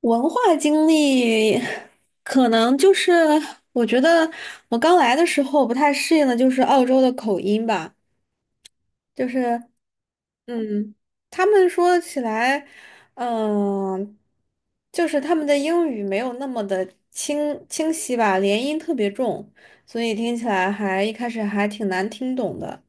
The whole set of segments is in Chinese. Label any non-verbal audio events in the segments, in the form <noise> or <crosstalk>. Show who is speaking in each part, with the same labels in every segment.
Speaker 1: 文化经历，可能就是我觉得我刚来的时候不太适应的就是澳洲的口音吧，就是嗯，他们说起来，嗯，就是他们的英语没有那么的清晰吧，连音特别重，所以听起来还一开始还挺难听懂的。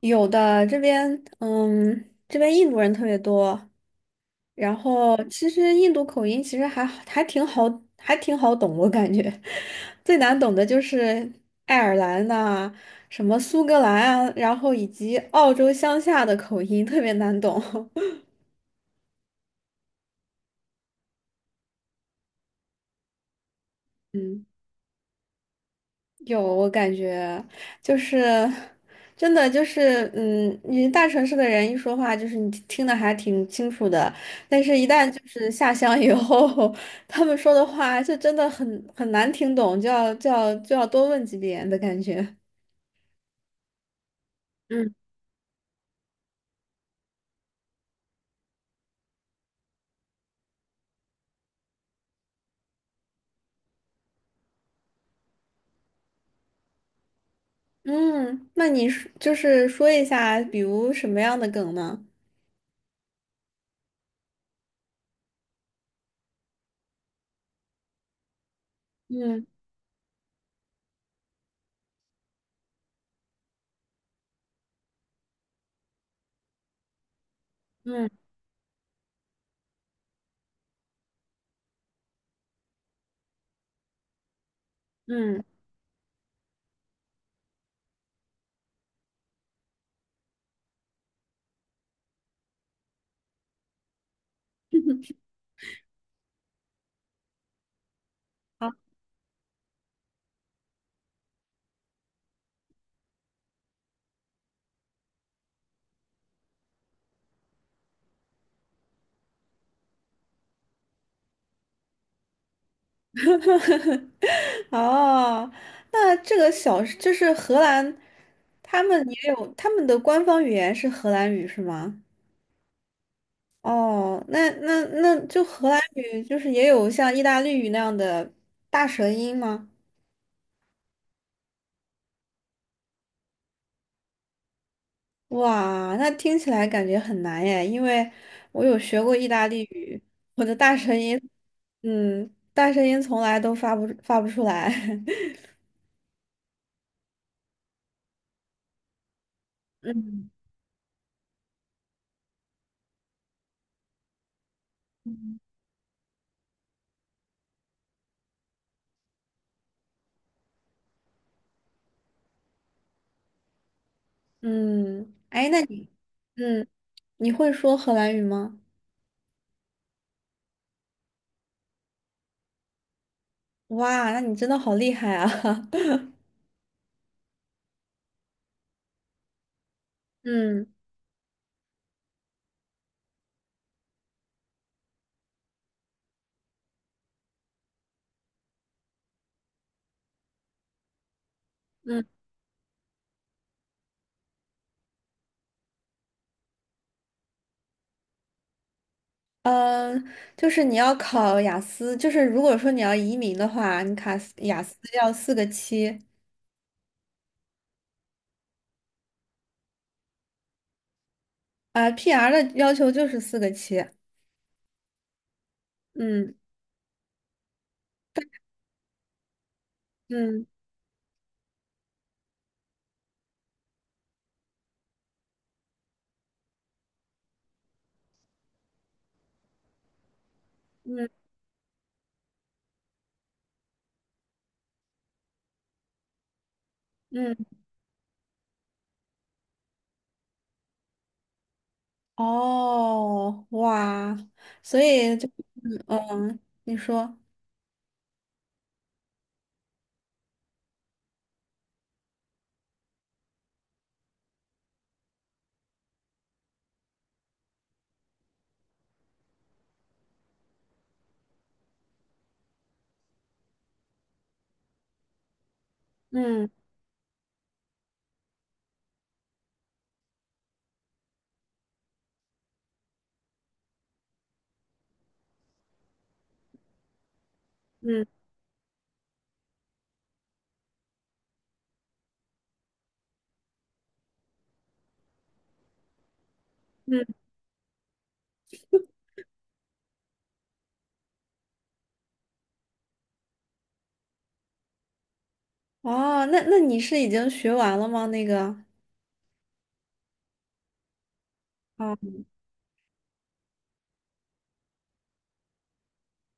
Speaker 1: 有的这边，这边印度人特别多，然后其实印度口音其实还好还挺好，还挺好懂，我感觉 <laughs> 最难懂的就是爱尔兰呐、什么苏格兰啊，然后以及澳洲乡下的口音特别难懂。<laughs> 嗯。有，我感觉就是真的就是，你大城市的人一说话，就是你听的还挺清楚的，但是一旦就是下乡以后，<laughs> 他们说的话就真的很难听懂，就要多问几遍的感觉。嗯。嗯，那你说就是说一下，比如什么样的梗呢？嗯嗯嗯。哦，那这个小就是荷兰，他们也有他们的官方语言是荷兰语是吗？哦，那那就荷兰语就是也有像意大利语那样的大舌音吗？哇，那听起来感觉很难耶，因为我有学过意大利语，我的大舌音，嗯，大舌音从来都发不出来。<laughs> 嗯。嗯，嗯哎，那你，嗯，你会说荷兰语吗？哇，那你真的好厉害啊！<laughs> 嗯。嗯。嗯，就是你要考雅思，就是如果说你要移民的话，你卡斯雅思要四个七。啊，PR 的要求就是四个七。嗯。嗯。嗯。嗯，哦，哇，所以就嗯，嗯你说嗯嗯嗯，哦，那那你是已经学完了吗？那个。啊。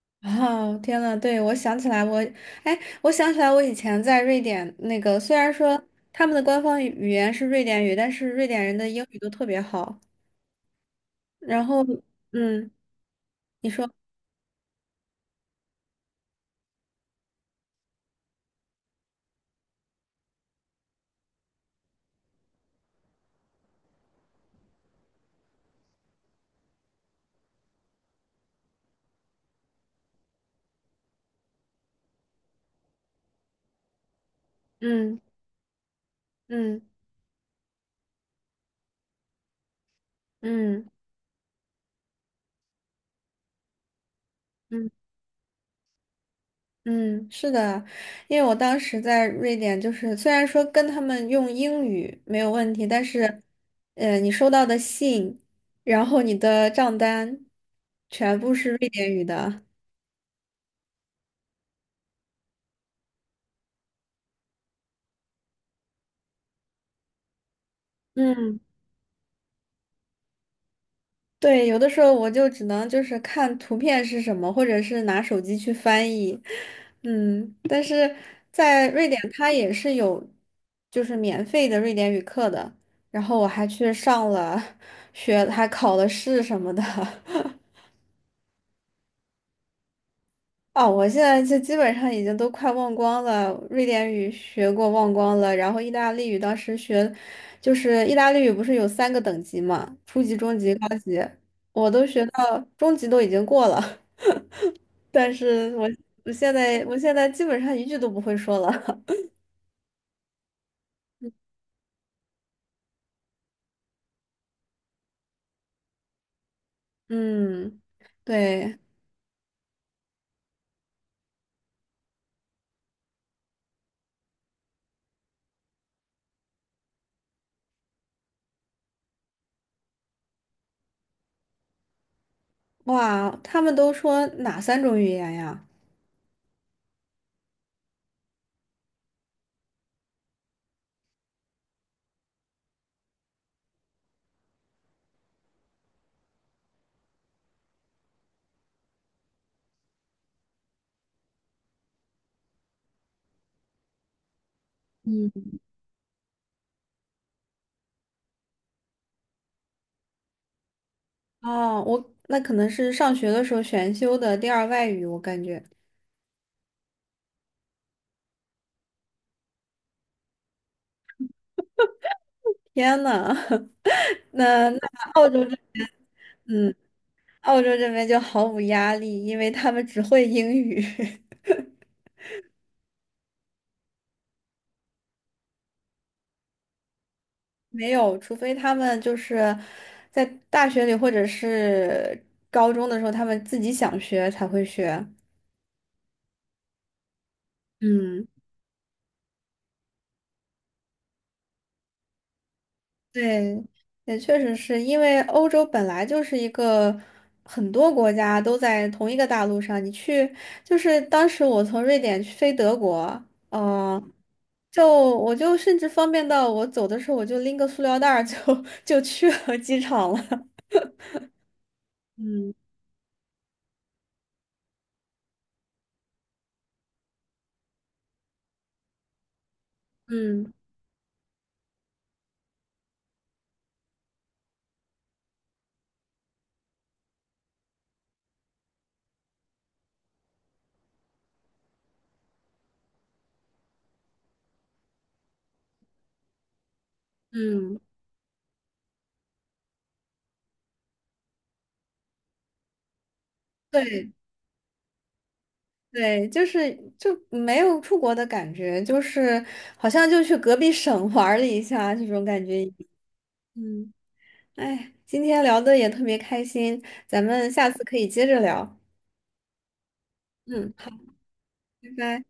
Speaker 1: <laughs> 哦，天呐，我想起来我以前在瑞典那个，虽然说他们的官方语言是瑞典语，但是瑞典人的英语都特别好。然后，嗯，你说，嗯嗯嗯嗯嗯，是的，因为我当时在瑞典，就是虽然说跟他们用英语没有问题，但是，你收到的信，然后你的账单，全部是瑞典语的。嗯。对，有的时候我就只能就是看图片是什么，或者是拿手机去翻译，但是在瑞典它也是有就是免费的瑞典语课的，然后我还去上了学，还考了试什么的。<laughs> 哦，我现在就基本上已经都快忘光了，瑞典语学过忘光了，然后意大利语当时学，就是意大利语不是有三个等级嘛，初级、中级、高级，我都学到中级都已经过了。但是我我现在基本上一句都不会说了。<laughs> 嗯，对，哇，他们都说哪三种语言呀？嗯，哦，我那可能是上学的时候选修的第二外语，我感觉。天呐，<laughs> 那那澳洲这嗯，澳洲这边就毫无压力，因为他们只会英语，<laughs> 没有，除非他们就是在大学里或者是高中的时候，他们自己想学才会学。嗯。对，也确实是因为欧洲本来就是一个很多国家都在同一个大陆上，你去就是当时我从瑞典去飞德国，嗯，就我就甚至方便到我走的时候我就拎个塑料袋儿就 <laughs> 就去了机场了。<laughs> 嗯。嗯。嗯，对对，就是就没有出国的感觉，就是好像就去隔壁省玩儿了一下这种感觉。嗯。哎，今天聊的也特别开心，咱们下次可以接着聊。嗯，好，拜拜。